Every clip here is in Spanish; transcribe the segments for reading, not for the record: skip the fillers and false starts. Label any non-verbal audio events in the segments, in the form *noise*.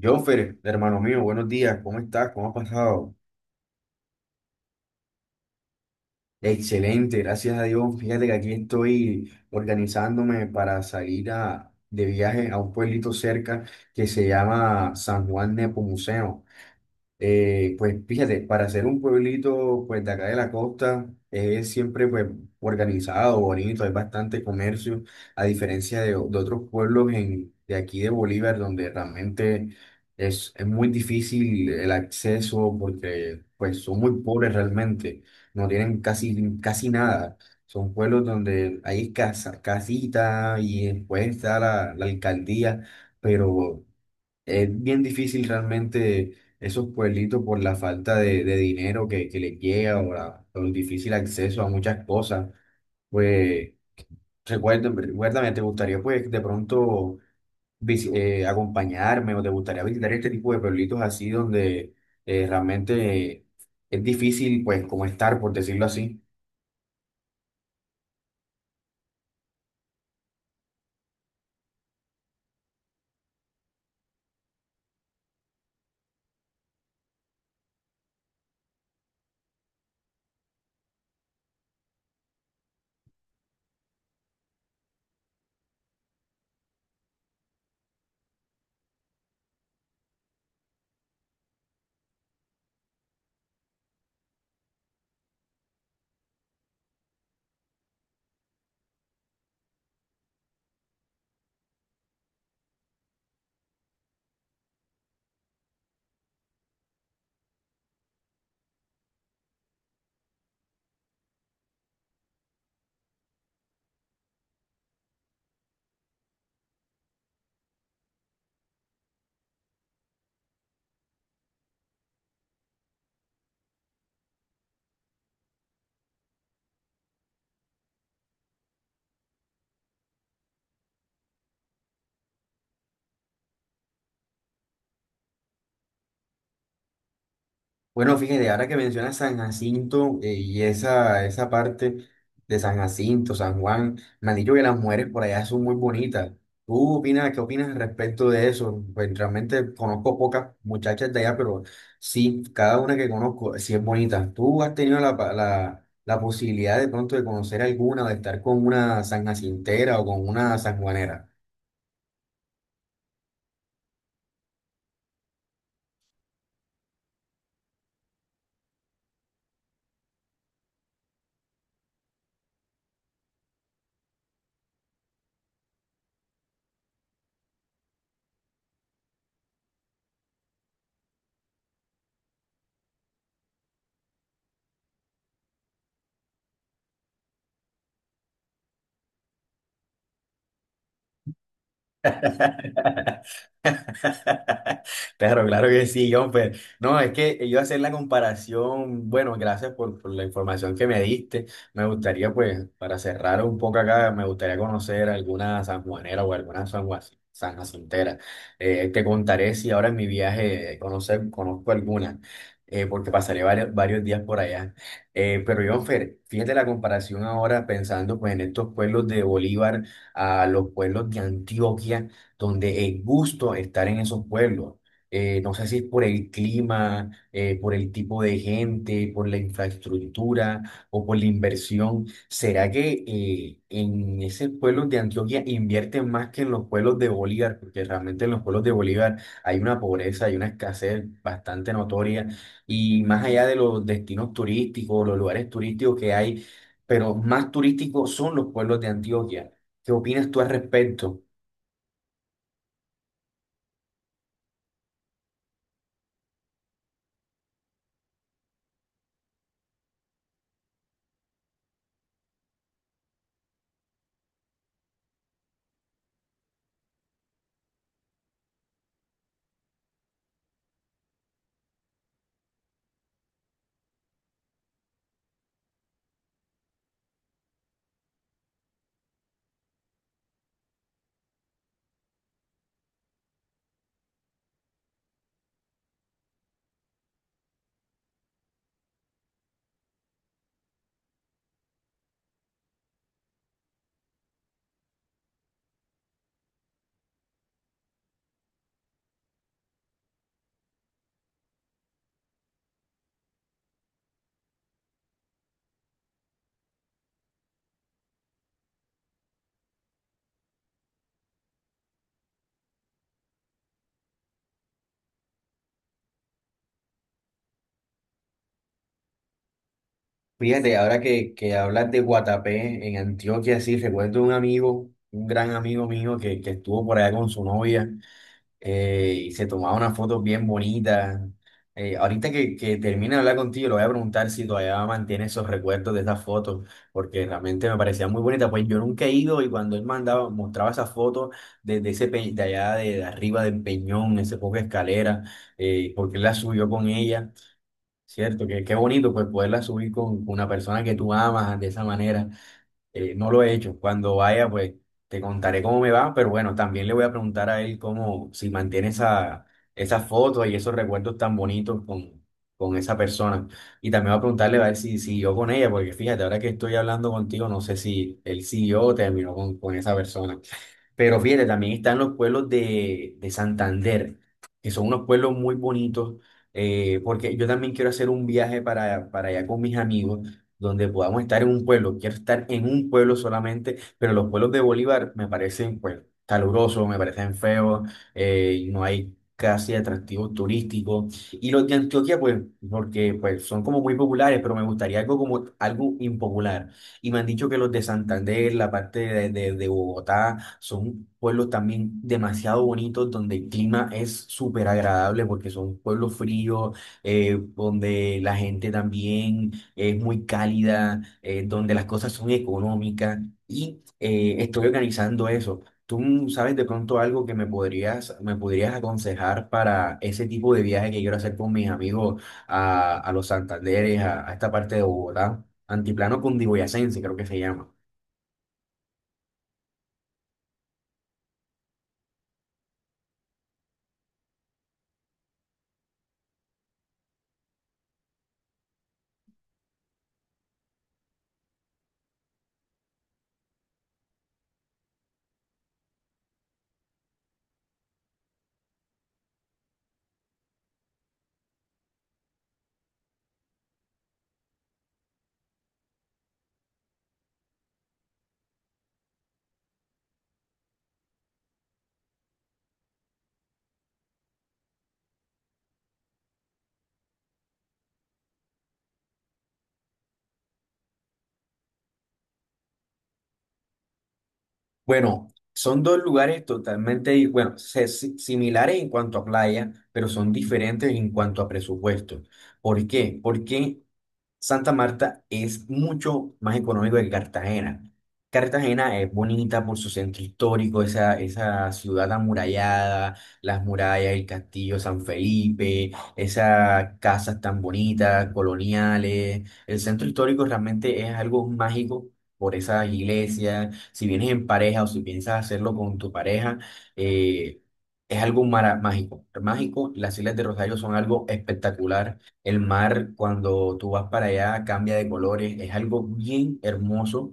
Jonfer, hermano mío, buenos días, ¿cómo estás? ¿Cómo ha pasado? Excelente, gracias a Dios. Fíjate que aquí estoy organizándome para salir de viaje a un pueblito cerca que se llama San Juan Nepomuceno. Pues fíjate, para ser un pueblito pues de acá de la costa es siempre pues organizado, bonito, hay bastante comercio, a diferencia de otros pueblos de aquí de Bolívar donde realmente es muy difícil el acceso porque pues son muy pobres realmente, no tienen casi nada. Son pueblos donde hay casa, casita y después está la alcaldía, pero... Es bien difícil realmente esos pueblitos por la falta de dinero que les llega o, el difícil acceso a muchas cosas. Pues recuérdame, ¿te gustaría pues de pronto acompañarme o te gustaría visitar este tipo de pueblitos así donde realmente es difícil pues como estar, por decirlo así? Bueno, fíjate, ahora que mencionas San Jacinto, y esa parte de San Jacinto, San Juan, me han dicho que las mujeres por allá son muy bonitas. ¿Tú opinas, qué opinas al respecto de eso? Pues realmente conozco pocas muchachas de allá, pero sí, cada una que conozco sí es bonita. ¿Tú has tenido la posibilidad de pronto de conocer alguna, de estar con una sanjacintera o con una sanjuanera? *laughs* Claro, claro que sí, John. Pues, no, es que yo hacer la comparación, bueno, gracias por la información que me diste. Me gustaría, pues, para cerrar un poco acá, me gustaría conocer alguna sanjuanera o alguna sanjacintera. Te contaré si ahora en mi viaje conozco alguna, porque pasaré varios días por allá. Pero, John, Fer, fíjate la comparación ahora pensando, pues, en estos pueblos de Bolívar a los pueblos de Antioquia donde es gusto estar en esos pueblos. No sé si es por el clima, por el tipo de gente, por la infraestructura o por la inversión. ¿Será que en esos pueblos de Antioquia invierten más que en los pueblos de Bolívar? Porque realmente en los pueblos de Bolívar hay una pobreza, hay una escasez bastante notoria. Y más allá de los destinos turísticos, los lugares turísticos que hay, pero más turísticos son los pueblos de Antioquia. ¿Qué opinas tú al respecto? Fíjate, ahora que hablas de Guatapé en Antioquia, sí, recuerdo un amigo, un gran amigo mío que estuvo por allá con su novia, y se tomaba unas fotos bien bonitas. Ahorita que termine de hablar contigo, le voy a preguntar si todavía mantiene esos recuerdos de esas fotos, porque realmente me parecían muy bonitas. Pues yo nunca he ido y cuando él mostraba esas fotos desde de allá de arriba del Peñón, ese poco de escalera, porque él la subió con ella. Cierto, que qué bonito pues poderla subir con una persona que tú amas de esa manera. No lo he hecho. Cuando vaya, pues te contaré cómo me va, pero bueno, también le voy a preguntar a él cómo, si mantiene esas fotos y esos recuerdos tan bonitos con esa persona. Y también voy a preguntarle a ver si siguió con ella, porque fíjate, ahora que estoy hablando contigo, no sé si él siguió o terminó con esa persona. Pero fíjate, también están los pueblos de Santander, que son unos pueblos muy bonitos, porque yo también quiero hacer un viaje para allá con mis amigos, donde podamos estar en un pueblo. Quiero estar en un pueblo solamente, pero los pueblos de Bolívar me parecen pues calurosos, me parecen feos, no hay casi atractivos turísticos. Y los de Antioquia, pues, porque pues son como muy populares, pero me gustaría algo como algo impopular. Y me han dicho que los de Santander, la parte de Bogotá, Argentina son pueblos también demasiado bonitos donde el clima es súper agradable porque son pueblos fríos, donde la gente también es muy cálida, donde las cosas son económicas y estoy organizando eso. ¿Tú sabes de pronto algo que me me podrías aconsejar para ese tipo de viaje que quiero hacer con mis amigos a los Santanderes, a esta parte de Bogotá? Antiplano Cundiboyacense, creo que se llama. Bueno, son dos lugares totalmente, bueno, similares en cuanto a playa, pero son diferentes en cuanto a presupuesto. ¿Por qué? Porque Santa Marta es mucho más económico que Cartagena. Cartagena es bonita por su centro histórico, esa ciudad amurallada, las murallas, el castillo San Felipe, esas casas tan bonitas, coloniales. El centro histórico realmente es algo mágico por esas iglesias. Si vienes en pareja o si piensas hacerlo con tu pareja, eh, es algo mágico. Mágico, las Islas de Rosario son algo espectacular, el mar, cuando tú vas para allá, cambia de colores, es algo bien hermoso.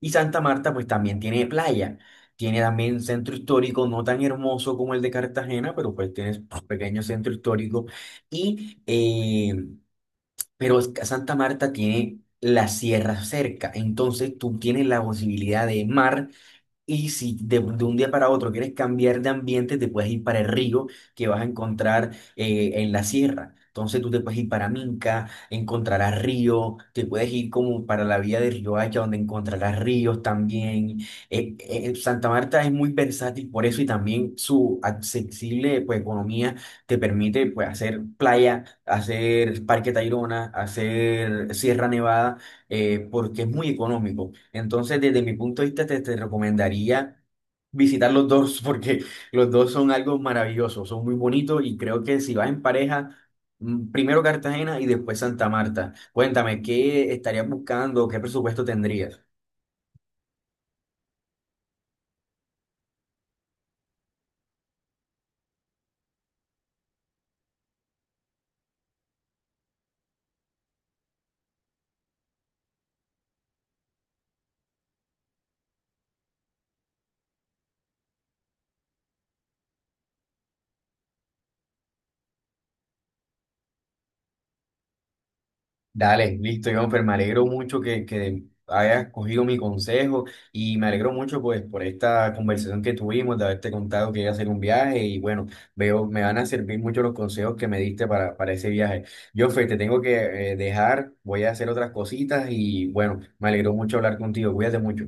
Y Santa Marta, pues también tiene playa, tiene también centro histórico, no tan hermoso como el de Cartagena, pero pues tienes un pequeño centro histórico. Y, eh, pero es que Santa Marta tiene la sierra cerca, entonces tú tienes la posibilidad de mar y si de un día para otro quieres cambiar de ambiente, te puedes ir para el río que vas a encontrar en la sierra. Entonces tú te puedes ir para Minca, encontrarás río, te puedes ir como para la vía de Riohacha, donde encontrarás ríos también. Eh, eh, Santa Marta es muy versátil por eso y también su accesible pues, economía te permite pues, hacer playa, hacer Parque Tayrona, hacer Sierra Nevada, porque es muy económico. Entonces, desde mi punto de vista, te recomendaría visitar los dos *laughs* porque los dos son algo maravilloso, son muy bonitos y creo que si vas en pareja, primero Cartagena y después Santa Marta. Cuéntame, ¿qué estarías buscando? ¿Qué presupuesto tendrías? Dale, listo, Jonfer, me alegro mucho que hayas cogido mi consejo y me alegro mucho pues por esta conversación que tuvimos, de haberte contado que iba a hacer un viaje y bueno, veo, me van a servir mucho los consejos que me diste para ese viaje. Jonfer, te tengo que dejar, voy a hacer otras cositas y bueno, me alegró mucho hablar contigo, cuídate mucho.